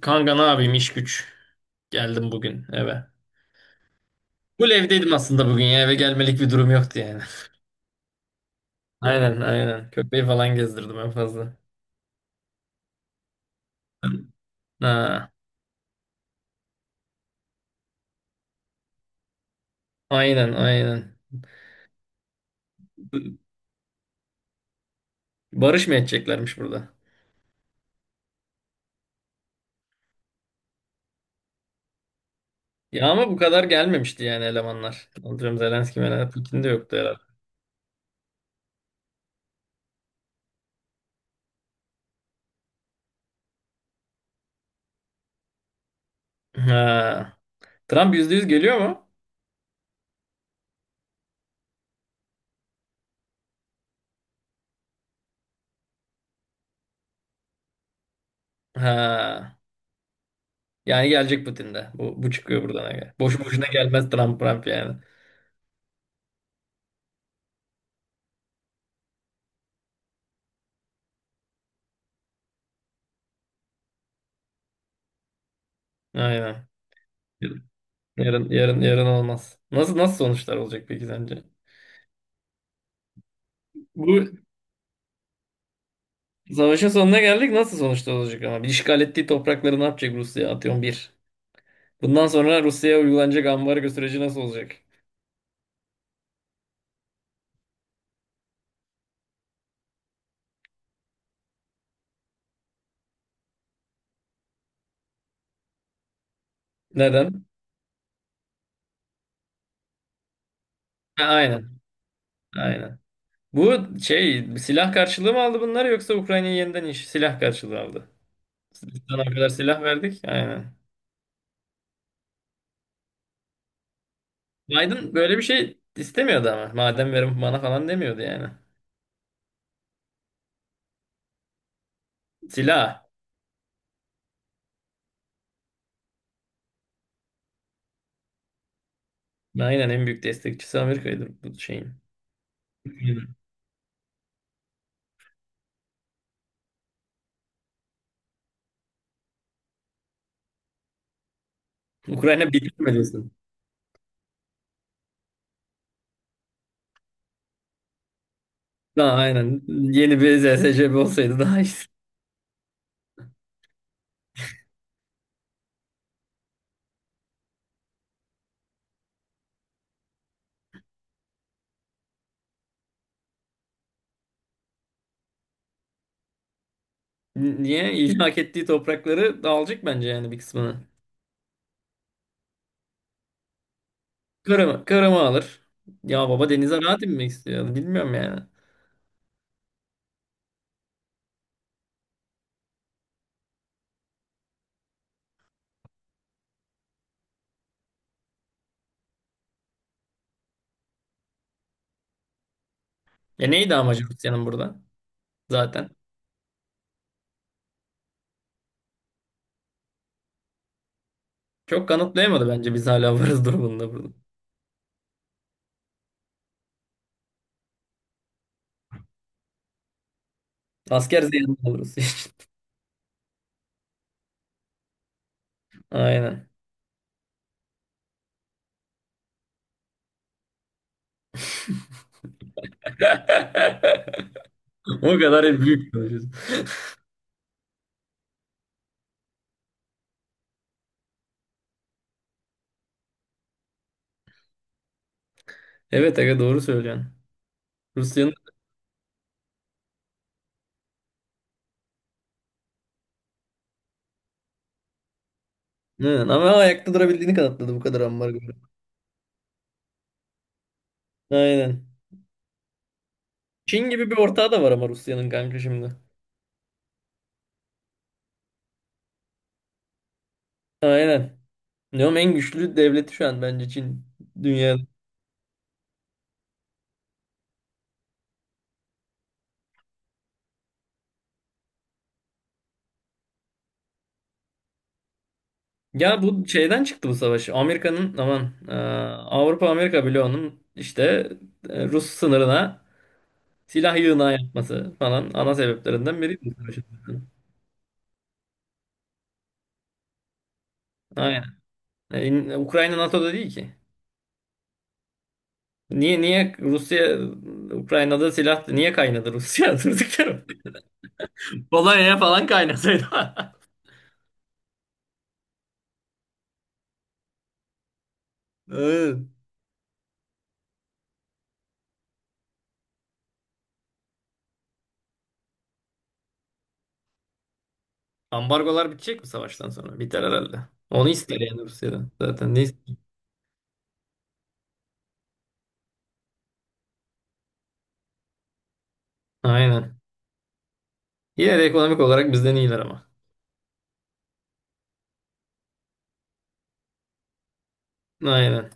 Kanka ne yapayım, iş güç. Geldim bugün eve. Full evdeydim aslında bugün ya, eve gelmelik bir durum yoktu yani. Aynen, aynen. Köpeği falan gezdirdim en fazla. Ha, aynen aynen. Barış mı edeceklermiş burada? Ya ama bu kadar gelmemişti yani elemanlar. Anlıyorum, Zelenski Melenski Putin de yoktu herhalde. Ha. Trump yüzde yüz geliyor mu? Ha. Yani gelecek Putin de. Bu çıkıyor buradan. Aga. Boşu boşuna gelmez Trump. Yani. Aynen. Yarın yarın olmaz. Nasıl sonuçlar olacak peki sence? Bu savaşın sonuna geldik. Nasıl sonuçlar olacak ama? Bir, işgal ettiği toprakları ne yapacak Rusya? Atıyorum bir. Bundan sonra Rusya'ya uygulanacak ambargo süreci nasıl olacak? Neden? Ha, aynen. Aynen. Bu şey, silah karşılığı mı aldı bunlar, yoksa Ukrayna'yı yeniden iş silah karşılığı aldı? Biz sana o kadar silah verdik. Aynen. Biden böyle bir şey istemiyordu ama. Madem, verin bana falan demiyordu yani. Silah. Aynen, en büyük destekçisi Amerika'ydı bu şeyin. Ukrayna bitirmelisin. Daha aynen. Yeni bir ZSCB olsaydı daha iyi. Niye? İlhak ettiği toprakları dağılacak bence yani, bir kısmını. Kırım'ı alır. Ya baba, denize rahat inmek istiyor. Bilmiyorum yani. Ya neydi amacı Rusya'nın burada zaten? Çok kanıtlayamadı bence, biz hala varız durumunda burada. Asker ziyanı alırız için. Aynen. O kadar hep büyük konuşuyorsun. Evet aga, doğru söylüyorsun. Rusya'nın. Hı, ama ayakta durabildiğini kanıtladı bu kadar ambargo. Aynen. Çin gibi bir ortağı da var ama Rusya'nın, kanka, şimdi. Aynen. Diyorum en güçlü devleti şu an bence Çin dünyada. Ya bu şeyden çıktı bu savaş. Amerika'nın, aman, Avrupa Amerika bloğunun işte, Rus sınırına silah yığınağı yapması falan ana sebeplerinden biri bu savaşın. Aynen. İn- Ukrayna NATO'da değil ki. Niye Rusya, Ukrayna'da silah niye kaynadı Rusya durduk yere? Polonya'ya falan kaynasaydı. Evet. Ambargolar bitecek mi savaştan sonra? Biter herhalde. Onu ister yani Rusya'dan. Zaten ne ister? Aynen. Yine de ekonomik olarak bizden iyiler ama. Aynen.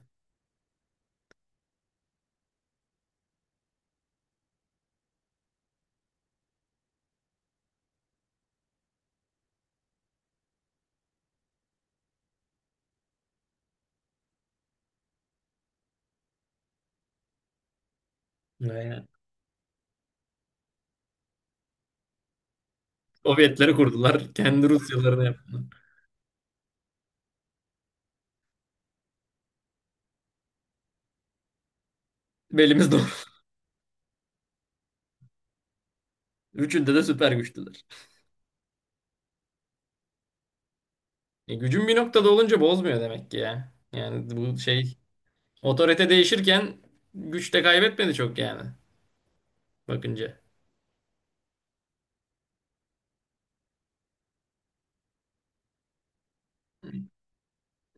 Aynen. Sovyetleri kurdular. Kendi Rusyalarını yaptılar. Belimiz doğru. Üçünde de süper güçlüler. E, gücün bir noktada olunca bozmuyor demek ki ya. Yani bu şey, otorite değişirken güç de kaybetmedi çok yani. Bakınca.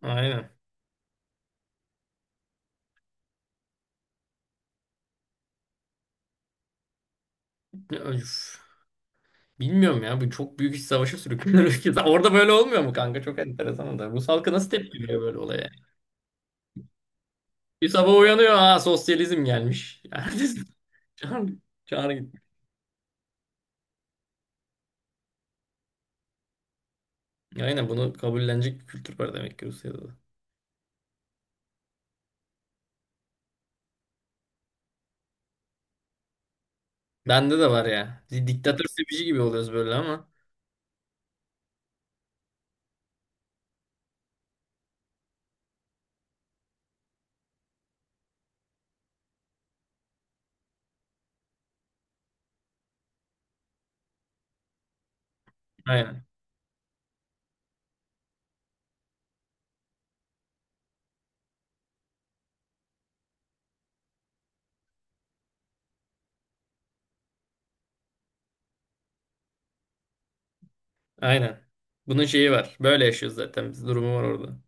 Aynen. Öf. Bilmiyorum ya, bu çok büyük iç savaşa sürüklüyor ülke. Orada böyle olmuyor mu kanka? Çok enteresan da. Rus halkı nasıl tepki veriyor böyle olaya? Bir sabah uyanıyor, ha, sosyalizm gelmiş. Ertesi çağır, çağır gitmiş. Aynen, bunu kabullenecek bir kültür var demek ki Rusya'da da. Bende de var ya. Di- Diktatör sevici gibi oluyoruz böyle ama. Aynen. Aynen. Bunun şeyi var. Böyle yaşıyoruz zaten. Biz durumu var orada.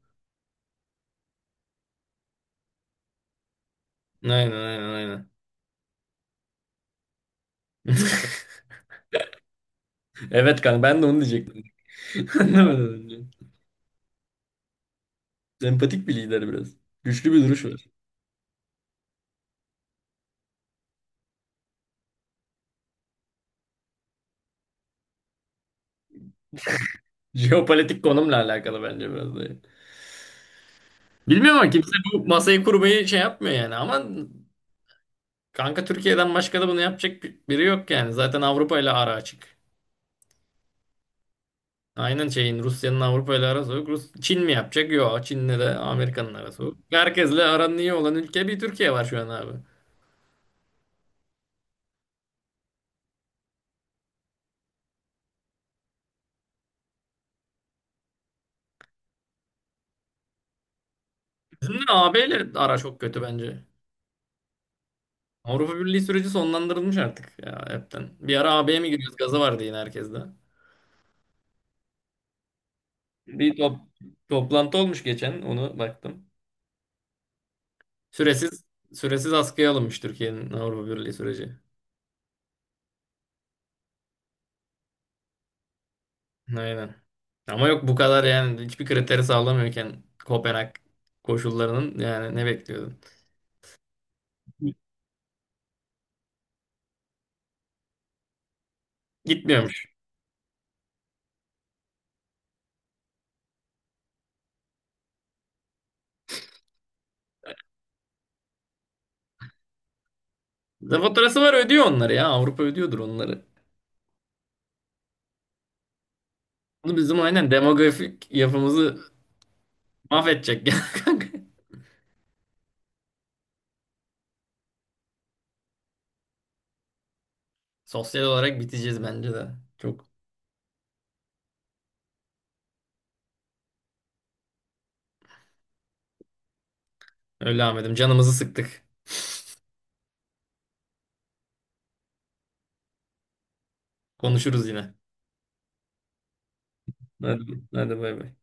Aynen, aynen, aynen. Evet kanka, ben de onu diyecektim. Anlamadım önce. Sempatik bir lider biraz. Güçlü bir duruş var. Jeopolitik konumla alakalı bence biraz da. Bilmiyorum ama kimse bu masayı kurmayı şey yapmıyor yani. Ama kanka, Türkiye'den başka da bunu yapacak bir- biri yok yani. Zaten Avrupa ile ara açık. Aynen, şeyin, Rusya'nın Avrupa ile arası yok. Rus, Çin mi yapacak? Yok. Çin'le de Amerika'nın arası yok. Herkesle aranın iyi olan ülke bir Türkiye var şu an abi. Bizim de AB ile ara çok kötü bence. Avrupa Birliği süreci sonlandırılmış artık ya hepten. Bir ara AB'ye mi giriyoruz? Gazı vardı yine herkeste. Bir top- toplantı olmuş geçen, onu baktım. Süresiz süresiz askıya alınmış Türkiye'nin Avrupa Birliği süreci. Aynen. Ama yok, bu kadar yani hiçbir kriteri sağlamıyorken Kopenhag koşullarının, yani ne bekliyordun? Gitmiyormuş. Zaten faturası var, ödüyor onları ya. Avrupa ödüyordur onları. Bunu bizim aynen demografik yapımızı mahvedecek ya kanka. Sosyal olarak biteceğiz bence de. Çok öyle Ahmet'im, canımızı sıktık. Konuşuruz yine. Hadi, hadi, bay bay.